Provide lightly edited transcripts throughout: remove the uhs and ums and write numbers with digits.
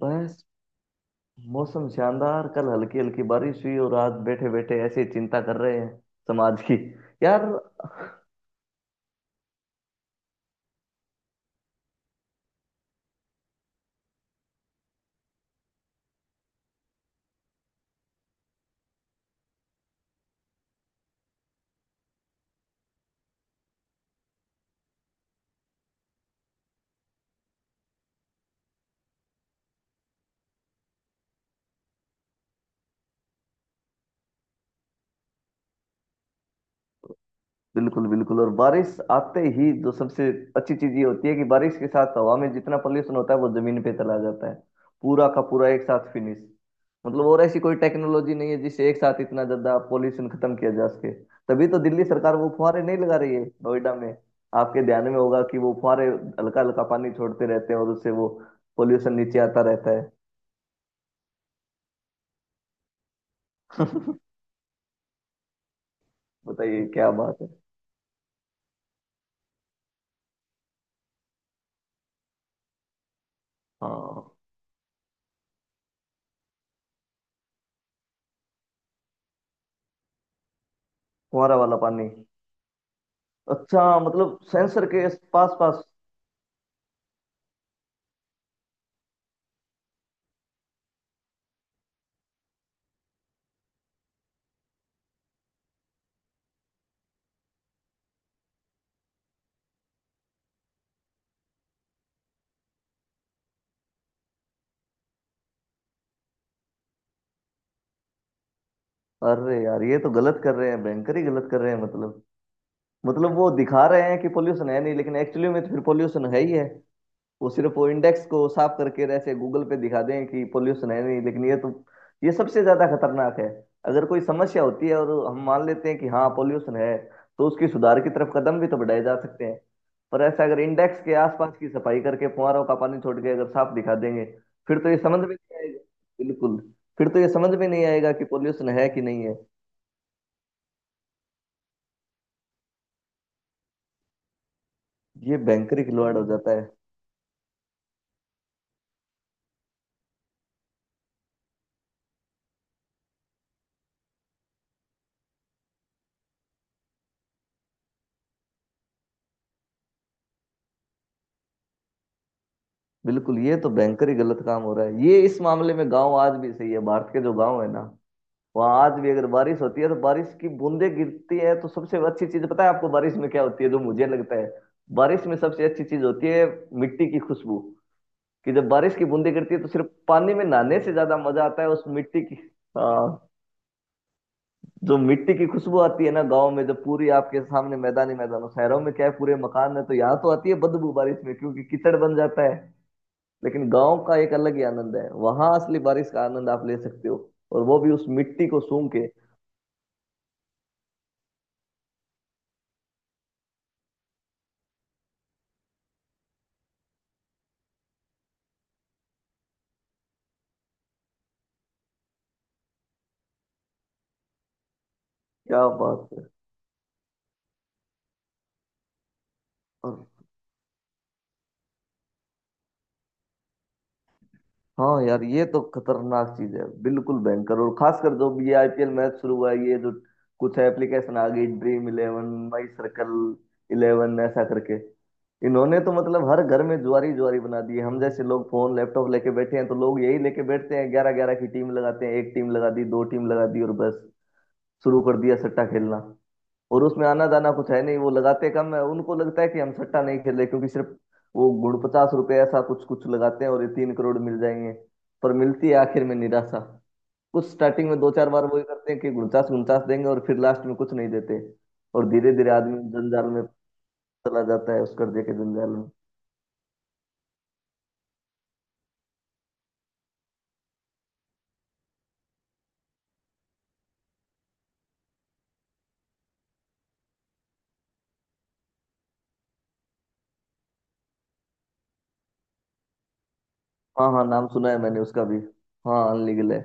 बस। मौसम शानदार। कल हल्की हल्की बारिश हुई और आज बैठे बैठे ऐसे ही चिंता कर रहे हैं समाज की। यार, बिल्कुल बिल्कुल। और बारिश आते ही जो सबसे अच्छी चीज ये होती है कि बारिश के साथ हवा में जितना पोल्यूशन होता है वो जमीन पे चला जाता है, पूरा का पूरा एक साथ फिनिश। मतलब और ऐसी कोई टेक्नोलॉजी नहीं है जिससे एक साथ इतना ज्यादा पोल्यूशन खत्म किया जा सके। तभी तो दिल्ली सरकार वो फुहारे नहीं लगा रही है नोएडा में। आपके ध्यान में होगा कि वो फुहारे हल्का हल्का पानी छोड़ते रहते हैं और उससे वो पोल्यूशन नीचे आता रहता है। बताइए, क्या बात है। हाँ, फुहारा वाला पानी। अच्छा, मतलब सेंसर के पास पास। अरे यार, ये तो गलत कर रहे हैं, भयंकर ही गलत कर रहे हैं। मतलब वो दिखा रहे हैं कि पोल्यूशन है नहीं, लेकिन एक्चुअली में तो फिर पोल्यूशन है ही है। वो सिर्फ वो इंडेक्स को साफ करके ऐसे गूगल पे दिखा दें कि पोल्यूशन है नहीं, लेकिन ये तो ये सबसे ज्यादा खतरनाक है। अगर कोई समस्या होती है और हम मान लेते हैं कि हाँ, पोल्यूशन है, तो उसकी सुधार की तरफ कदम भी तो बढ़ाए जा सकते हैं। पर ऐसा अगर इंडेक्स के आसपास की सफाई करके फुहारों का पानी छोड़ के अगर साफ दिखा देंगे, फिर तो ये समझ में नहीं आएगा। बिल्कुल। फिर तो ये समझ में नहीं आएगा कि पोल्यूशन है कि नहीं है। ये भयंकर ही खिलवाड़ हो जाता है। बिल्कुल, ये तो भयंकर ही गलत काम हो रहा है। ये इस मामले में गांव आज भी सही है। भारत के जो गांव है ना, वहाँ आज भी अगर बारिश होती है तो बारिश की बूंदें गिरती है। तो सबसे अच्छी चीज पता है आपको बारिश में क्या होती है जो मुझे लगता है बारिश में सबसे अच्छी चीज होती है? मिट्टी की खुशबू। कि जब बारिश की बूंदें गिरती है तो सिर्फ पानी में नहाने से ज्यादा मजा आता है उस मिट्टी की। हाँ, जो मिट्टी की खुशबू आती है ना गाँव में, जब पूरी आपके सामने मैदान ही मैदान हो। शहरों में क्या है, पूरे मकान है, तो यहाँ तो आती है बदबू बारिश में, क्योंकि कीचड़ बन जाता है। लेकिन गाँव का एक अलग ही आनंद है, वहां असली बारिश का आनंद आप ले सकते हो, और वो भी उस मिट्टी को सूंघ के। क्या बात है। और हाँ यार, ये तो खतरनाक चीज है, बिल्कुल भयंकर। और खासकर जब ये आईपीएल मैच शुरू हुआ है, ये जो कुछ एप्लीकेशन आ गई, dream eleven, my circle eleven ऐसा करके, इन्होंने तो मतलब हर घर में जुआरी जुआरी बना दी है। हम जैसे लोग फोन लैपटॉप लेके बैठे हैं तो लोग यही लेके बैठते हैं, 11-11 की टीम लगाते हैं, एक टीम लगा दी, दो टीम लगा दी और बस शुरू कर दिया सट्टा खेलना। और उसमें आना जाना कुछ है नहीं, वो लगाते कम है। उनको लगता है कि हम सट्टा नहीं खेल रहे क्योंकि सिर्फ वो गुण 50 रुपए ऐसा कुछ कुछ लगाते हैं और ये 3 करोड़ मिल जाएंगे, पर मिलती है आखिर में निराशा। कुछ स्टार्टिंग में 2-4 बार वही करते हैं कि 49-49 देंगे और फिर लास्ट में कुछ नहीं देते। और धीरे धीरे आदमी जंजाल में चला जाता है, उस कर्जे के जंजाल में। हाँ हाँ, नाम सुना है मैंने उसका भी। हाँ, अनलीगल है।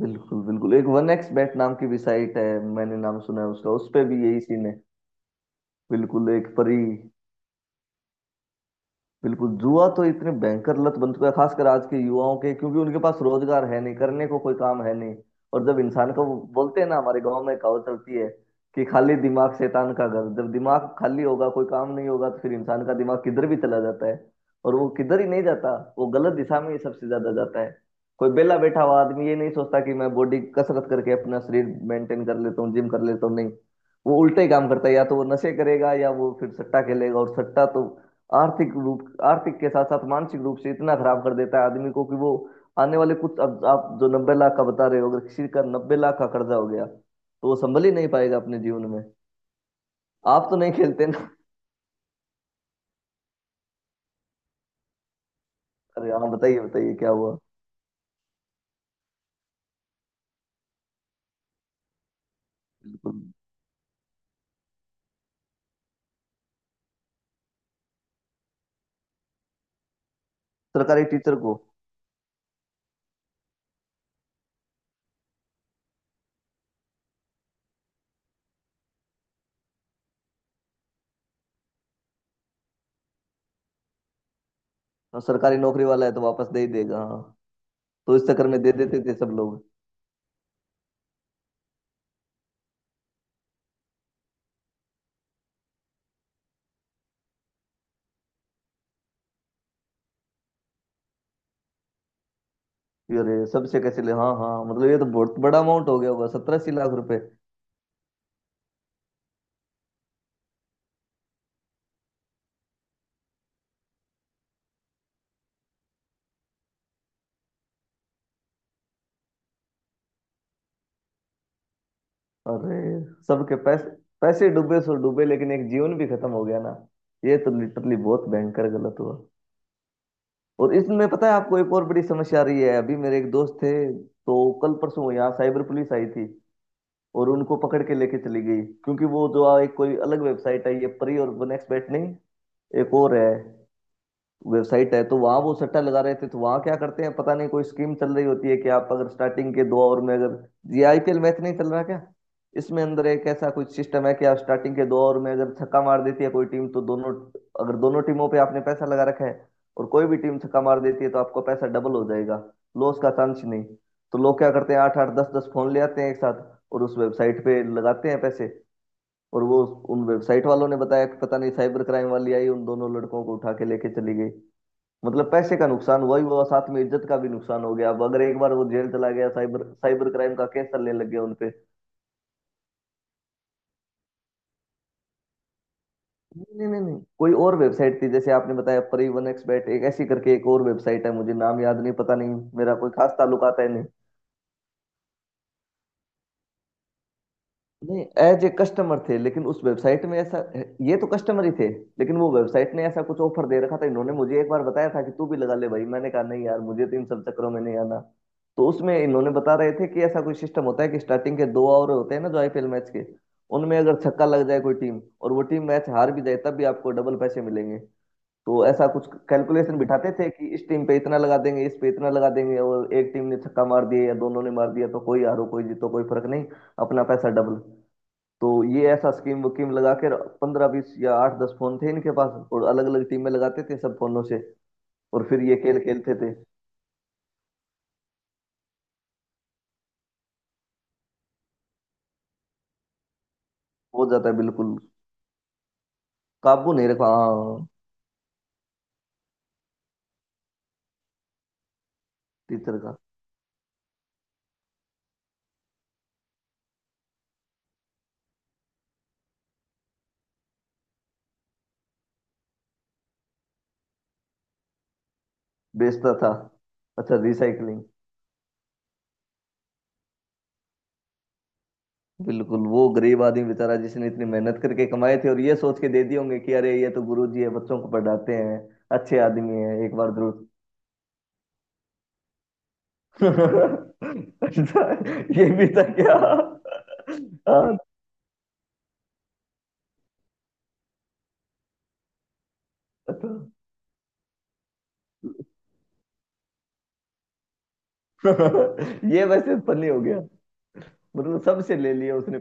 बिल्कुल बिल्कुल। एक वन एक्स बेट नाम की भी साइट है, मैंने नाम सुना है उसका, उस पे भी यही सीन है। बिल्कुल, एक परी। बिल्कुल, जुआ तो इतने भयंकर लत बन चुका है, खासकर आज के युवाओं के, क्योंकि उनके पास रोजगार है नहीं, करने को कोई काम है नहीं। और जब इंसान को, बोलते हैं ना, हमारे गांव में कहावत चलती है कि खाली दिमाग शैतान का घर। जब दिमाग खाली होगा, कोई काम नहीं होगा, तो फिर इंसान का दिमाग किधर भी चला जाता है। और वो किधर ही नहीं जाता, वो गलत दिशा में ही सबसे ज्यादा जाता है। कोई बेला बैठा हुआ आदमी ये नहीं सोचता कि मैं बॉडी कसरत करके अपना शरीर मेंटेन कर लेता हूँ, जिम कर लेता हूँ, नहीं। वो उल्टे ही काम करता है, या तो वो नशे करेगा या वो फिर सट्टा खेलेगा। और सट्टा तो आर्थिक रूप, आर्थिक के साथ साथ मानसिक रूप से इतना खराब कर देता है आदमी को कि वो आने वाले कुछ, अब आप जो 90 लाख का बता रहे हो, अगर किसी का 90 लाख का कर्जा हो गया तो वो संभल ही नहीं पाएगा अपने जीवन में। आप तो नहीं खेलते ना? अरे हाँ, बताइए बताइए, क्या हुआ? बिल्कुल। सरकारी टीचर को? और सरकारी नौकरी वाला है तो वापस दे ही देगा, हाँ। तो इस चक्कर में दे देते थे सब लोग। कि अरे सबसे कैसे ले, हाँ हाँ, मतलब ये तो बहुत बड़ा अमाउंट हो गया होगा, सत्रह अस्सी लाख रुपए। अरे सबके पैसे, पैसे डूबे सो डूबे, लेकिन एक जीवन भी खत्म हो गया ना। ये तो लिटरली बहुत भयंकर गलत हुआ। और इसमें पता है आपको, एक और बड़ी समस्या आ रही है। अभी मेरे एक दोस्त थे, तो कल परसों यहाँ साइबर पुलिस आई थी और उनको पकड़ के लेके चली गई। क्योंकि वो जो एक कोई अलग वेबसाइट आई है, परी और नेक्स्ट बैट नहीं, एक और है वेबसाइट है। तो वहां वो सट्टा लगा रहे थे तो वहां क्या करते हैं, पता नहीं कोई स्कीम चल रही होती है कि आप अगर स्टार्टिंग के 2 ओवर में, अगर ये आईपीएल मैच नहीं चल रहा क्या, इसमें अंदर एक ऐसा कुछ सिस्टम है कि आप स्टार्टिंग के 2 ओवर में अगर छक्का मार देती है कोई टीम तो दोनों, अगर दोनों टीमों पे आपने पैसा लगा रखा है और कोई भी टीम छक्का मार देती है तो आपका पैसा डबल हो जाएगा, लॉस का चांस ही नहीं। तो लोग क्या करते हैं, 8-8, 10-10 फोन ले आते हैं एक साथ और उस वेबसाइट पे लगाते हैं पैसे। और वो उन वेबसाइट वालों ने बताया कि पता नहीं साइबर क्राइम वाली आई, उन दोनों लड़कों को उठा के लेके चली गई। मतलब पैसे का नुकसान हुआ ही हुआ, साथ में इज्जत का भी नुकसान हो गया। अब अगर एक बार वो जेल चला गया, साइबर साइबर क्राइम का केस चलने लग गया उनपे। नहीं नहीं नहीं नहीं, कोई और वेबसाइट थी। जैसे आपने बताया परिवन एक्सबेट, एक ऐसी करके एक और वेबसाइट है, मुझे नाम याद नहीं। पता नहीं, मेरा कोई खास ताल्लुकात है नहीं। नहीं, एज ए कस्टमर थे। लेकिन उस वेबसाइट में ऐसा, ये तो कस्टमर ही थे, लेकिन वो वेबसाइट ने ऐसा कुछ ऑफर दे रखा था। इन्होंने मुझे एक बार बताया था कि तू भी लगा ले भाई, मैंने कहा नहीं यार, मुझे तो इन सब चक्करों में नहीं आना। तो उसमें इन्होंने बता रहे थे कि ऐसा कोई सिस्टम होता है कि स्टार्टिंग के 2 ओवर होते हैं ना जो आईपीएल मैच के, उनमें अगर छक्का लग जाए कोई टीम और वो टीम मैच हार भी जाए, तब भी आपको डबल पैसे मिलेंगे। तो ऐसा कुछ कैलकुलेशन बिठाते थे कि इस टीम पे इतना लगा देंगे, इस पे इतना लगा देंगे, और एक टीम ने छक्का मार दिया या दोनों ने मार दिया, तो कोई हारो कोई जीतो, कोई फर्क नहीं। अपना पैसा डबल। तो ये ऐसा स्कीम वकीम लगा के 15-20 या 8-10 फोन थे इनके पास, और अलग अलग टीमें लगाते थे सब फोनों से, और फिर ये खेल खेलते थे। हो जाता है बिल्कुल। काबू नहीं रखा, हाँ। टीचर का? बेचता था। अच्छा, रिसाइकलिंग। बिल्कुल, वो गरीब आदमी बेचारा जिसने इतनी मेहनत करके कमाए थे, और ये सोच के दे दिए होंगे कि अरे ये तो गुरु जी है, बच्चों को पढ़ाते हैं, अच्छे आदमी है, एक बार जरूर। अच्छा, ये भी था क्या? हाँ, अच्छा। ये वैसे फनी हो गया, मतलब सबसे ले लिया उसने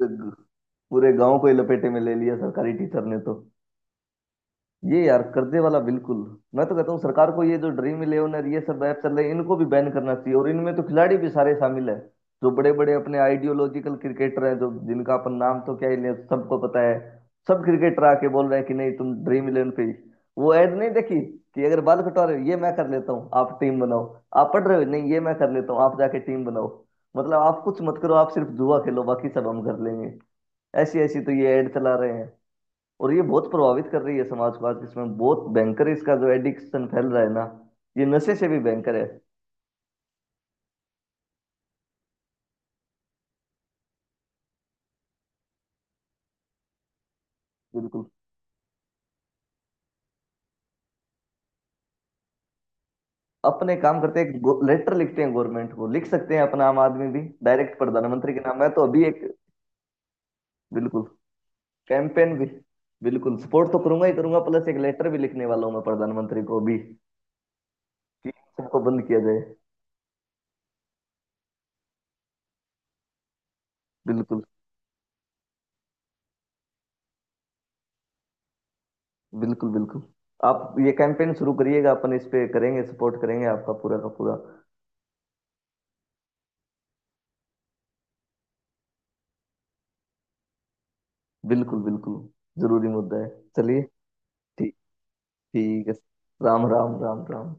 पैसे। पूरे गांव को ही लपेटे में ले लिया सरकारी टीचर ने तो। ये यार, कर्जे वाला, बिल्कुल। मैं तो कहता हूँ सरकार को, ये जो ड्रीम इलेवन, ये सब ऐप चल रहे हैं, इनको भी बैन करना चाहिए। और इनमें तो खिलाड़ी भी सारे शामिल है, जो बड़े बड़े अपने आइडियोलॉजिकल क्रिकेटर हैं, जो जिनका अपन नाम तो क्या ही ले, सबको पता है। सब क्रिकेटर आके बोल रहे हैं कि नहीं, तुम ड्रीम इलेवन पे, वो ऐड नहीं देखी कि अगर बाल कटवा रहे हो, ये मैं कर लेता हूँ, आप टीम बनाओ। आप पढ़ रहे हो, नहीं ये मैं कर लेता हूँ, आप जाके टीम बनाओ। मतलब आप कुछ मत करो, आप सिर्फ जुआ खेलो, बाकी सब हम कर लेंगे। ऐसी ऐसी तो ये ऐड चला रहे हैं। और ये बहुत प्रभावित कर रही है समाज को, आज इसमें बहुत भयंकर इसका जो एडिक्शन फैल रहा है ना, ये नशे से भी भयंकर है। बिल्कुल। अपने काम करते हैं, लेटर लिखते हैं, गवर्नमेंट को लिख सकते हैं अपना आम आदमी भी। डायरेक्ट प्रधानमंत्री के नाम है तो अभी एक। बिल्कुल। कैंपेन भी। बिल्कुल, सपोर्ट तो करूंगा ही करूंगा, प्लस एक लेटर भी लिखने वाला हूँ मैं प्रधानमंत्री को अभी कि सबको बंद किया जाए। बिल्कुल बिल्कुल। बिल्कुल आप ये कैंपेन शुरू करिएगा, अपन इस पे करेंगे, सपोर्ट करेंगे आपका पूरा का पूरा। बिल्कुल बिल्कुल, जरूरी मुद्दा है। चलिए। ठीक। ठीक है। राम राम राम राम।